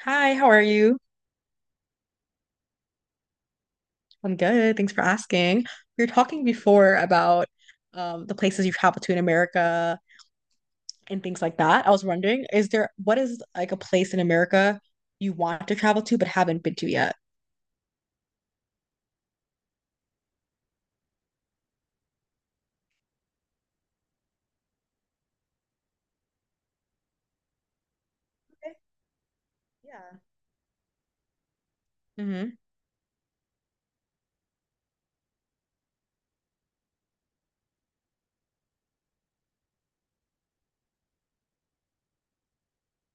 Hi, how are you? I'm good. Thanks for asking. We were talking before about the places you've traveled to in America and things like that. I was wondering, is there what is like a place in America you want to travel to but haven't been to yet? Okay. Yeah. Mm-hmm.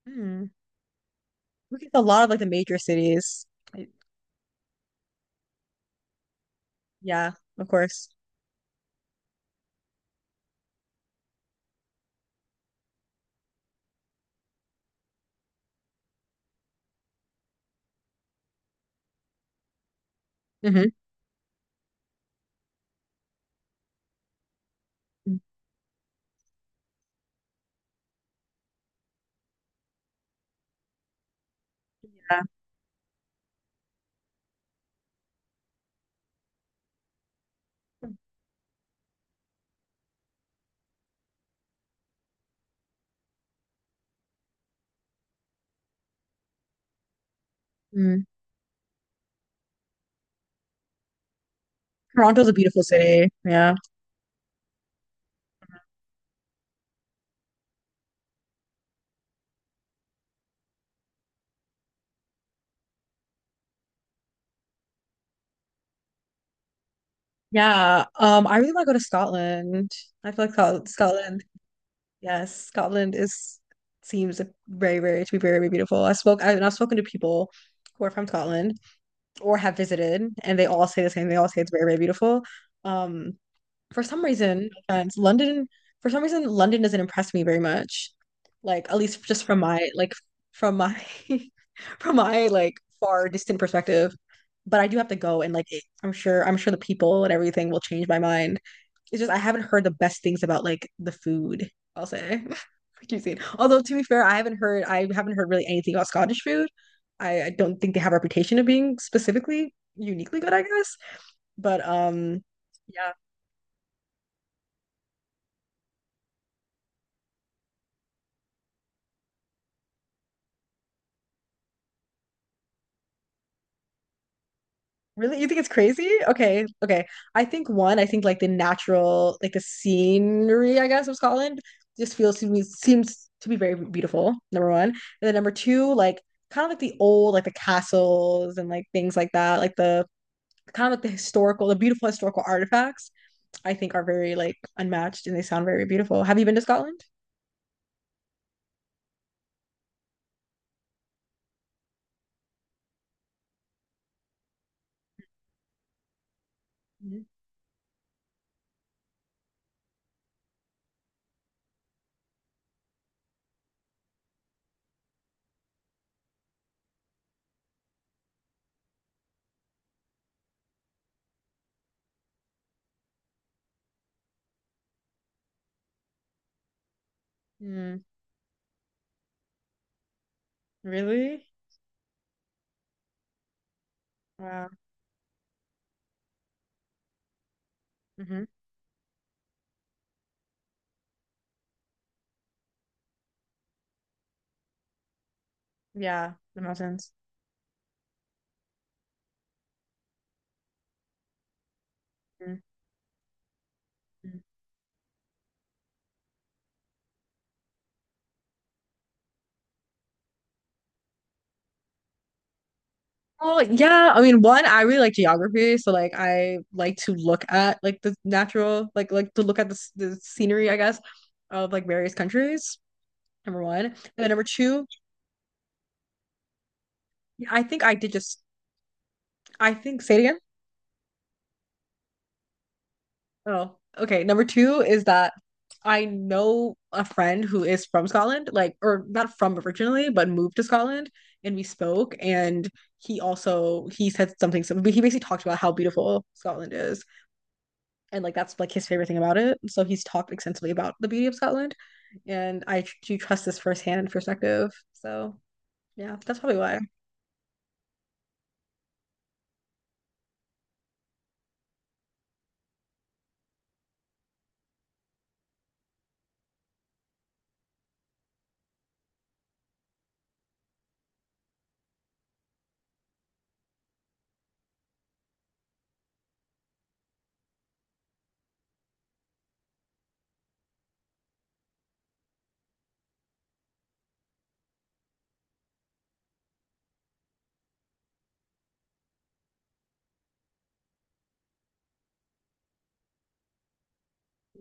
Mm-hmm. We get a lot of like the major cities. I- Yeah, of course. Mm-hmm. Yeah. Mm. Toronto's a beautiful city. Yeah. Yeah. I really want to go to Scotland. I feel like Scotland. Yes, Scotland is seems very, very to be very, very beautiful. And I've spoken to people who are from Scotland or have visited, and they all say the same. They all say it's very, very beautiful. Um, for some reason, no offense, for some reason, London doesn't impress me very much. Like at least just from my from my from my like far distant perspective. But I do have to go and like I'm sure the people and everything will change my mind. It's just I haven't heard the best things about like the food, I'll say. Cuisine. Although to be fair, I haven't heard really anything about Scottish food. I don't think they have a reputation of being specifically uniquely good, I guess. But yeah. Really? You think it's crazy? Okay, okay. I think one, I think like the natural, like the scenery, I guess, of Scotland just feels to me seems to be very beautiful, number one. And then number two, like kind of like the old, like the castles and like things like that, like the kind of like the historical, the beautiful historical artifacts, I think are very like unmatched and they sound very beautiful. Have you been to Scotland? Mhm. Mm, really? Wow. Hmm. Yeah, the mountains. Mm. Mm. Oh, yeah. I mean, one, I really like geography, so like I like to look at like the natural, like to look at the the scenery, I guess, of like various countries. Number one, and then number two, I think I did just. I think say it again. Oh, okay. Number two is that I know a friend who is from Scotland, like, or not from originally, but moved to Scotland, and we spoke. And he said something, but he basically talked about how beautiful Scotland is, and like that's like his favorite thing about it. So he's talked extensively about the beauty of Scotland, and I do trust this firsthand perspective. So yeah, that's probably why.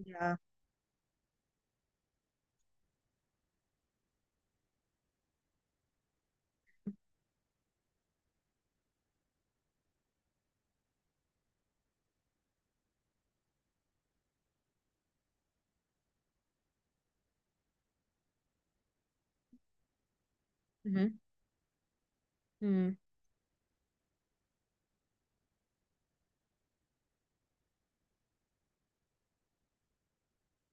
Yeah. Hmm.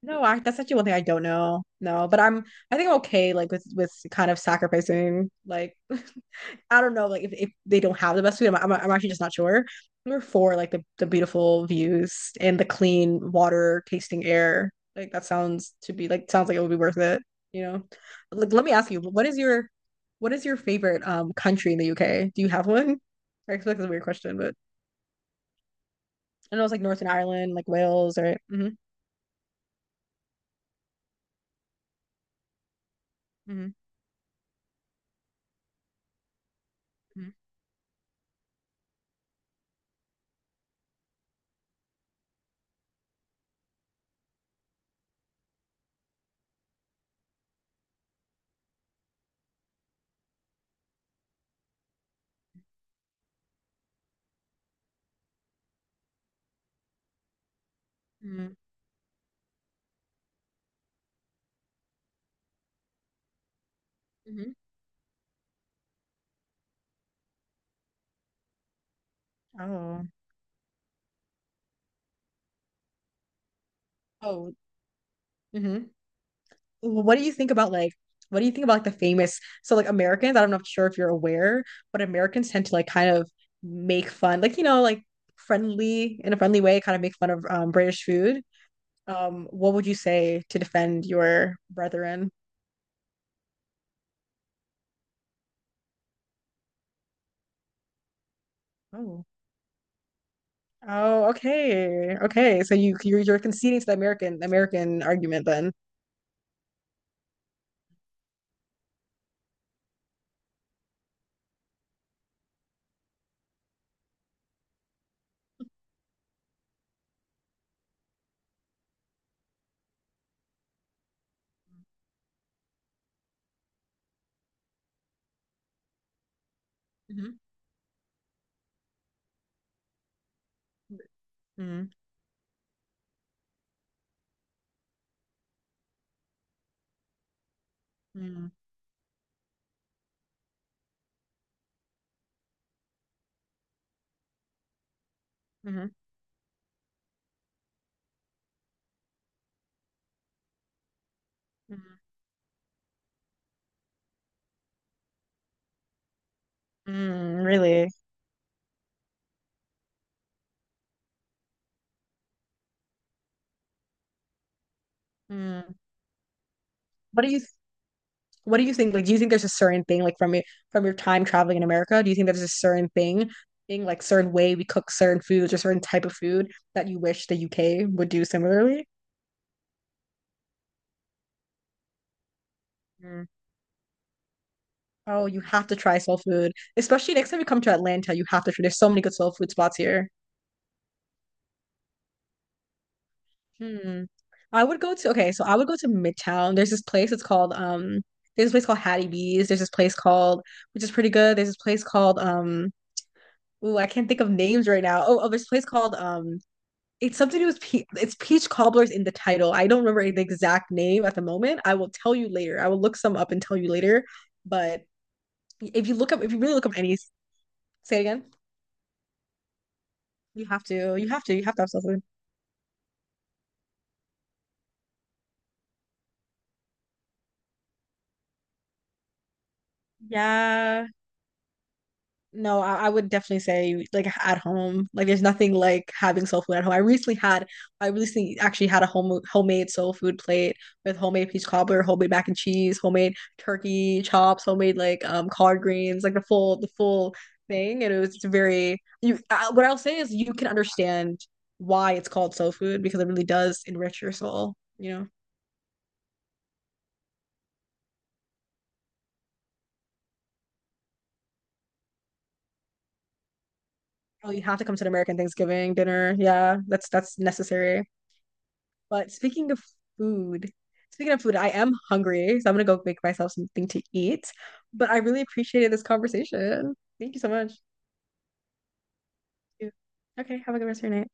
No, that's actually one thing I don't know. No, but I'm I think I'm okay like with kind of sacrificing like I don't know like if they don't have the best food I'm actually just not sure. Number four, like the beautiful views and the clean water, tasting air. Like that sounds like it would be worth it, you know. Like let me ask you, what is your favorite country in the UK? Do you have one? I expect that's a weird question, but I know it's like Northern Ireland, like Wales, right? Mm-hmm, mm-hmm, mm-hmm, mm-hmm. Oh. Oh, hmm. What do you think about like what do you think about like the famous so like Americans, I'm not sure if you're aware, but Americans tend to like kind of make fun, like you know, like friendly in a friendly way, kind of make fun of British food. What would you say to defend your brethren? Oh. Oh, okay. Okay. So you're conceding to the American argument then. Mm-hmm. Mm-hmm. Mm-hmm. Mm-hmm. Mm, really? Mm. What do you what do you think? Like, do you think there's a certain thing, like from your time traveling in America, do you think there's a certain thing like certain way we cook certain foods or certain type of food that you wish the UK would do similarly? Mm. Oh, you have to try soul food, especially next time you come to Atlanta. You have to try. There's so many good soul food spots here. Hmm. I would go to okay, so I would go to Midtown. There's this place. It's called. There's this place called Hattie B's. There's this place called which is pretty good. There's this place called. Ooh, I can't think of names right now. Oh, oh, there's a place called it's something to do with it's peach cobblers in the title. I don't remember the exact name at the moment. I will tell you later. I will look some up and tell you later. But if you look up, if you really look up any, say it again. You have to. You have to. You have to have something. Yeah. No, I would definitely say like at home. Like there's nothing like having soul food at home. I recently actually had a homemade soul food plate with homemade peach cobbler, homemade mac and cheese, homemade turkey chops, homemade like collard greens, like the full thing. And it was very you what I'll say is you can understand why it's called soul food because it really does enrich your soul, you know. Oh, you have to come to an American Thanksgiving dinner. Yeah, that's necessary. But food, speaking of food, I am hungry, so I'm gonna go make myself something to eat. But I really appreciated this conversation. Thank you so much. Yeah. Okay, have a good rest of your night.